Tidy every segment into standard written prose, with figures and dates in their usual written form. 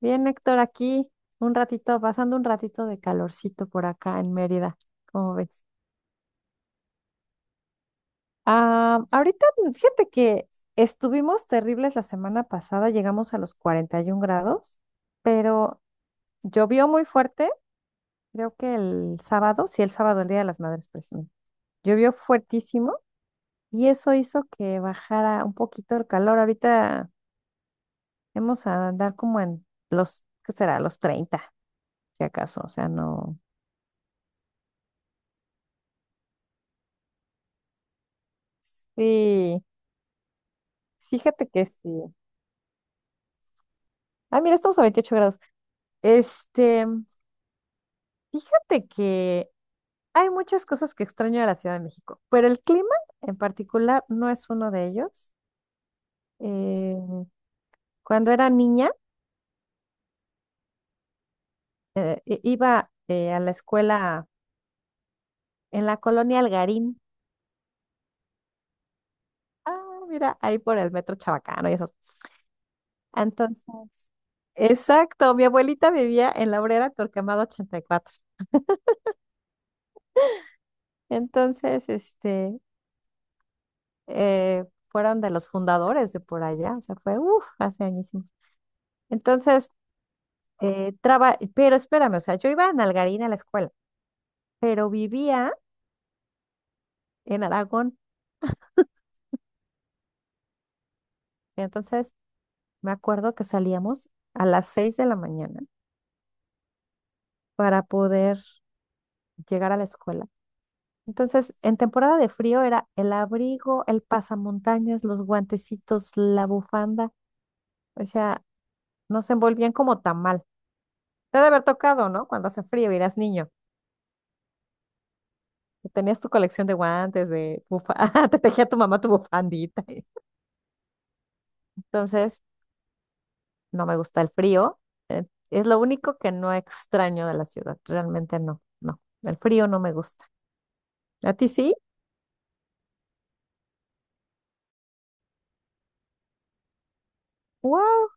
Bien, Héctor, aquí un ratito, pasando un ratito de calorcito por acá en Mérida, ¿cómo ves? Ah, ahorita, fíjate que estuvimos terribles la semana pasada, llegamos a los 41 grados, pero llovió muy fuerte, creo que el sábado, sí, el sábado, el Día de las Madres precisamente, llovió fuertísimo y eso hizo que bajara un poquito el calor. Ahorita vamos a andar como en los, ¿qué será? Los 30, si acaso, o sea, no. Sí. Fíjate que sí. Ah, mira, estamos a 28 grados. Este, fíjate que hay muchas cosas que extraño de la Ciudad de México, pero el clima en particular no es uno de ellos. Eh, cuando era niña, iba a la escuela en la colonia Algarín. Ah, mira, ahí por el metro Chabacano y esos. Entonces, exacto, mi abuelita vivía en la Obrera Torquemada 84. Entonces, fueron de los fundadores de por allá, o sea, fue, uff, hace añísimos. Entonces, pero espérame, o sea, yo iba a Nalgarín a la escuela, pero vivía en Aragón, entonces me acuerdo que salíamos a las 6 de la mañana para poder llegar a la escuela. Entonces, en temporada de frío era el abrigo, el pasamontañas, los guantecitos, la bufanda, o sea, nos envolvían como tamal. Te ha de haber tocado, ¿no? Cuando hace frío y eras niño. Tenías tu colección de guantes, de bufanda, te tejía tu mamá tu bufandita. Entonces, no me gusta el frío. Es lo único que no extraño de la ciudad. Realmente no, no. El frío no me gusta. ¿A ti sí? ¡Wow!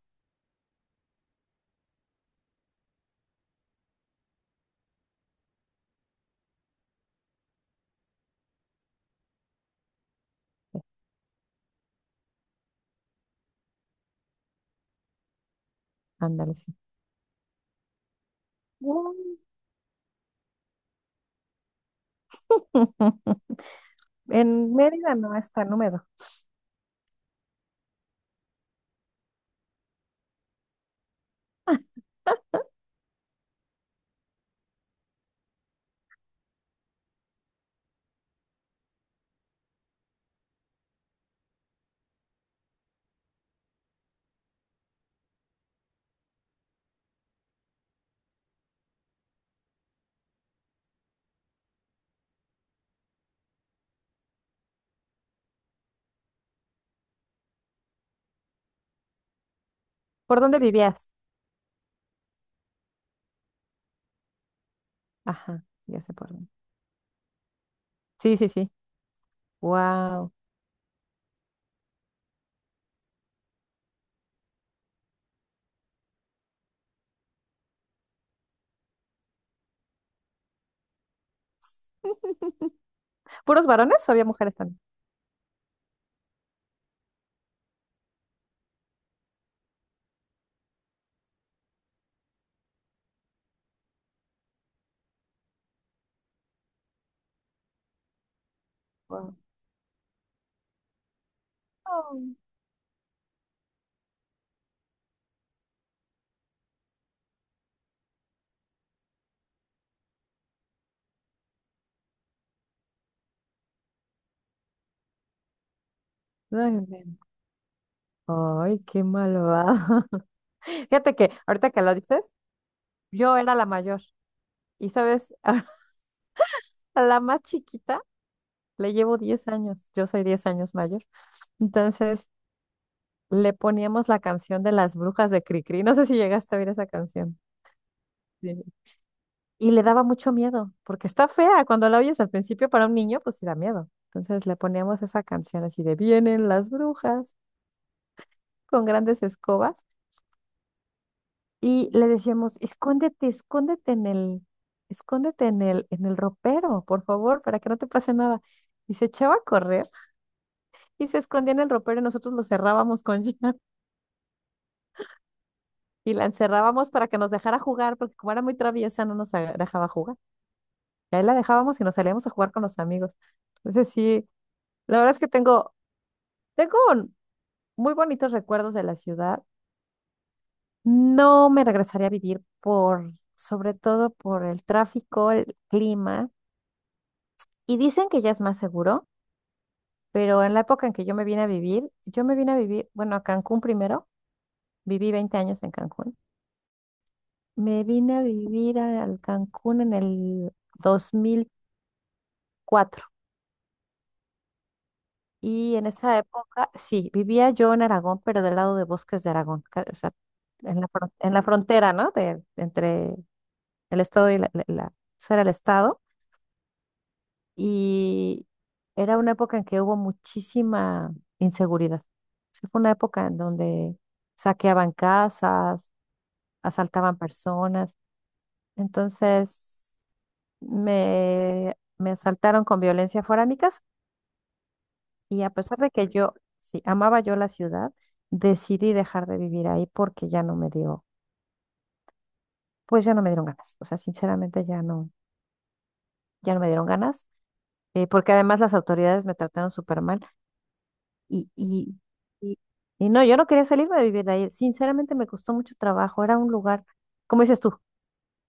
Ándale, sí. ¡Guau! En Mérida no es tan húmedo. ¿Por dónde vivías? Ajá, ya sé por dónde. Sí, sí, sí. ¡Wow! ¿Puros varones o había mujeres también? Guau. Oh, ay, men. Ay, qué malvado. Fíjate que ahorita que lo dices, yo era la mayor. Y sabes, a la más chiquita le llevo 10 años. Yo soy 10 años mayor. Entonces le poníamos la canción de las brujas de Cricri. No sé si llegaste a oír esa canción. Sí. Y le daba mucho miedo, porque está fea. Cuando la oyes al principio para un niño, pues sí da miedo. Entonces le poníamos esa canción así de vienen las brujas con grandes escobas y le decíamos, escóndete, escóndete en el ropero, por favor, para que no te pase nada. Y se echaba a correr y se escondía en el ropero y nosotros lo cerrábamos con llave y la encerrábamos para que nos dejara jugar, porque como era muy traviesa, no nos dejaba jugar. Y ahí la dejábamos y nos salíamos a jugar con los amigos. Entonces sí, la verdad es que tengo muy bonitos recuerdos de la ciudad. No me regresaría a vivir por, sobre todo por el tráfico, el clima. Y dicen que ya es más seguro, pero en la época en que yo me vine a vivir, bueno, a Cancún primero, viví 20 años en Cancún. Me vine a vivir al Cancún en el 2004 y en esa época, sí, vivía yo en Aragón, pero del lado de Bosques de Aragón, o sea, en la frontera, ¿no? De, entre el estado y eso era el estado y era una época en que hubo muchísima inseguridad. Sí, fue una época en donde saqueaban casas, asaltaban personas, entonces me asaltaron con violencia fuera de mi casa y a pesar de que yo, sí, amaba yo la ciudad, decidí dejar de vivir ahí porque ya no me dio, pues ya no me dieron ganas. O sea, sinceramente ya no me dieron ganas, porque además las autoridades me trataron súper mal y, y, y, y no, yo no quería salirme de vivir de ahí. Sinceramente me costó mucho trabajo. Era un lugar, como dices tú,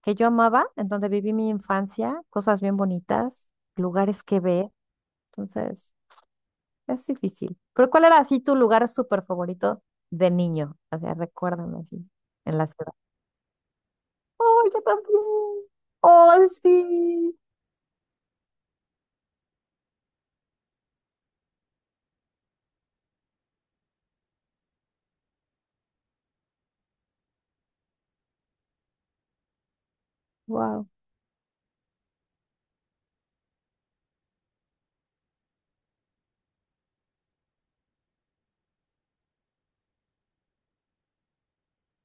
que yo amaba, en donde viví mi infancia, cosas bien bonitas, lugares que ver. Entonces. Es difícil. ¿Pero cuál era así tu lugar súper favorito de niño? O sea, recuérdame así, en la ciudad. ¡Oh, yo también! ¡Oh, sí! ¡Wow!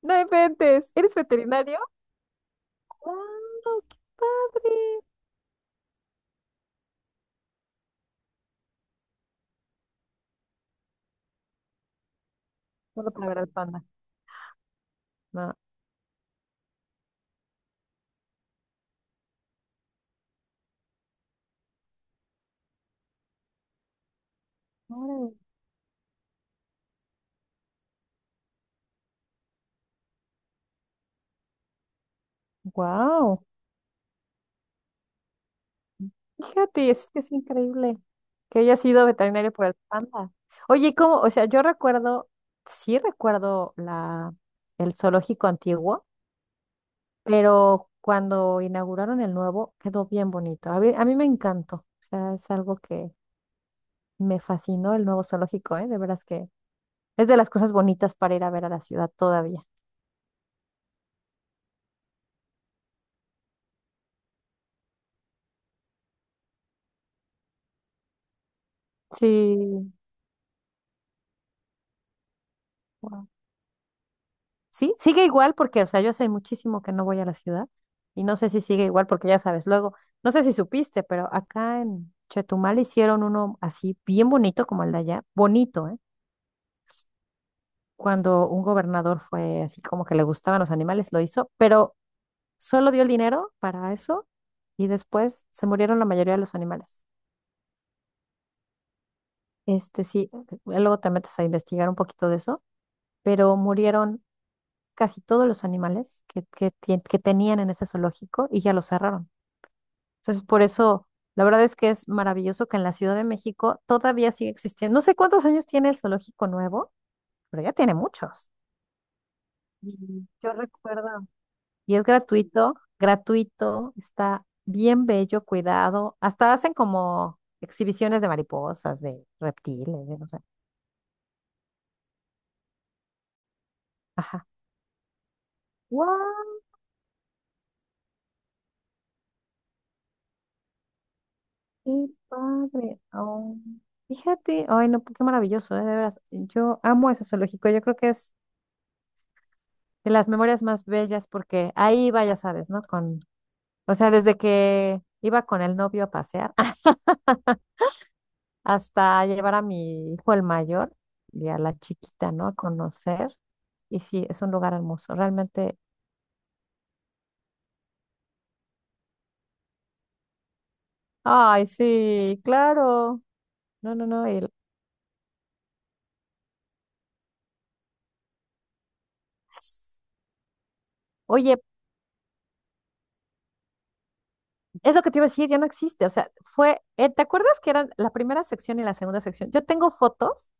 No inventes. ¿Eres veterinario? ¡Wow! ¡Qué padre! Solo para ver al panda. No. ¡Wow! Fíjate, es que es increíble que haya sido veterinario por el panda. Oye, ¿cómo? O sea, yo recuerdo, sí recuerdo el zoológico antiguo. Pero cuando inauguraron el nuevo quedó bien bonito. A mí me encantó, o sea, es algo que me fascinó el nuevo zoológico, ¿eh? De veras que es de las cosas bonitas para ir a ver a la ciudad todavía. Sí, wow. Sí, sigue igual porque, o sea, yo hace muchísimo que no voy a la ciudad y no sé si sigue igual porque ya sabes, luego, no sé si supiste, pero acá en Chetumal hicieron uno así bien bonito como el de allá, bonito, ¿eh? Cuando un gobernador fue así como que le gustaban los animales, lo hizo, pero solo dio el dinero para eso y después se murieron la mayoría de los animales. Este sí, luego te metes a investigar un poquito de eso, pero murieron casi todos los animales que tenían en ese zoológico y ya lo cerraron. Entonces, por eso, la verdad es que es maravilloso que en la Ciudad de México todavía sigue existiendo. No sé cuántos años tiene el zoológico nuevo, pero ya tiene muchos. Y yo recuerdo. Y es gratuito, gratuito, está bien bello, cuidado. Hasta hacen como exhibiciones de mariposas, de reptiles, de no sé. Ajá. ¡Wow! ¡Qué padre! Oh, fíjate, ay, no, qué maravilloso, de veras. Yo amo ese zoológico, yo creo que es de las memorias más bellas porque ahí iba, ya sabes, ¿no? Con, o sea, desde que iba con el novio a pasear. Hasta llevar a mi hijo el mayor y a la chiquita, ¿no? A conocer. Y sí, es un lugar hermoso, realmente. Ay, sí, claro. No, no, no. Oye, eso que te iba a decir ya no existe. O sea, fue, ¿te acuerdas que eran la primera sección y la segunda sección? Yo tengo fotos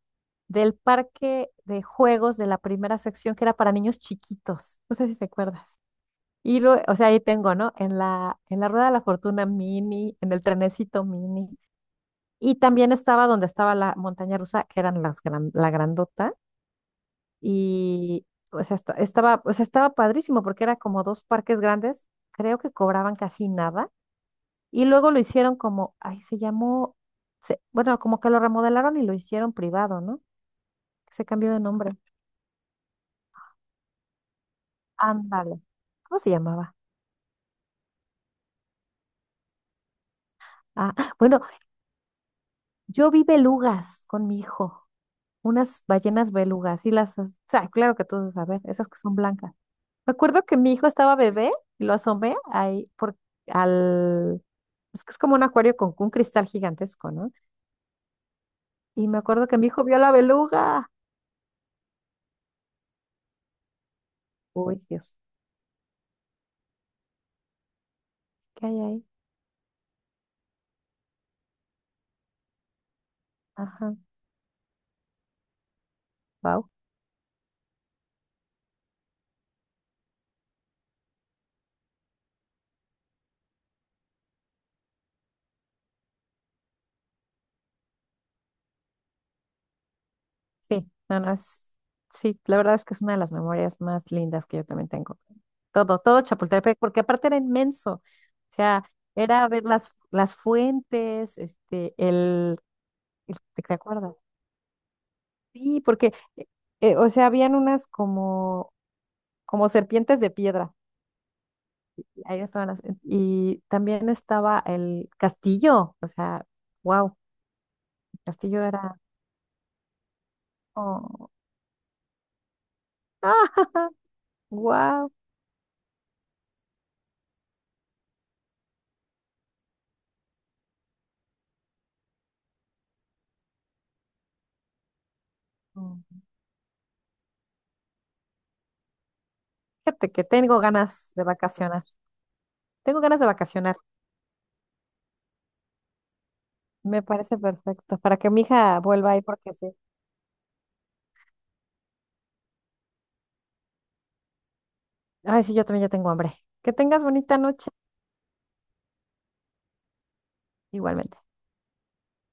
del parque de juegos de la primera sección que era para niños chiquitos. No sé si te acuerdas. Y luego, o sea, ahí tengo, ¿no? En la rueda de la fortuna mini, en el trenecito mini. Y también estaba donde estaba la montaña rusa, que eran la grandota, y o sea, o sea, estaba padrísimo porque era como dos parques grandes, creo que cobraban casi nada, y luego lo hicieron como, ay, se llamó, bueno, como que lo remodelaron y lo hicieron privado, ¿no? Se cambió de nombre. Ándale. ¿Cómo se llamaba? Ah, bueno, yo vi belugas con mi hijo, unas ballenas belugas, y o sea, claro que tú debes saber, esas que son blancas. Me acuerdo que mi hijo estaba bebé y lo asomé ahí por, al. Es que es como un acuario con un cristal gigantesco, ¿no? Y me acuerdo que mi hijo vio la beluga. Uy, Dios, ¿qué hay ahí? Ajá, wow. Sí, no, no, es. Sí, la verdad es que es una de las memorias más lindas que yo también tengo. Todo, todo Chapultepec, porque aparte era inmenso. O sea, era ver las fuentes. El- ¿Te acuerdas? Sí, porque, o sea, habían unas como serpientes de piedra. Y ahí estaban y también estaba el castillo, o sea, wow, el castillo era, oh, wow. Fíjate que tengo ganas de vacacionar. Tengo ganas de vacacionar. Me parece perfecto para que mi hija vuelva ahí porque sí. Ay, sí, yo también ya tengo hambre. Que tengas bonita noche. Igualmente.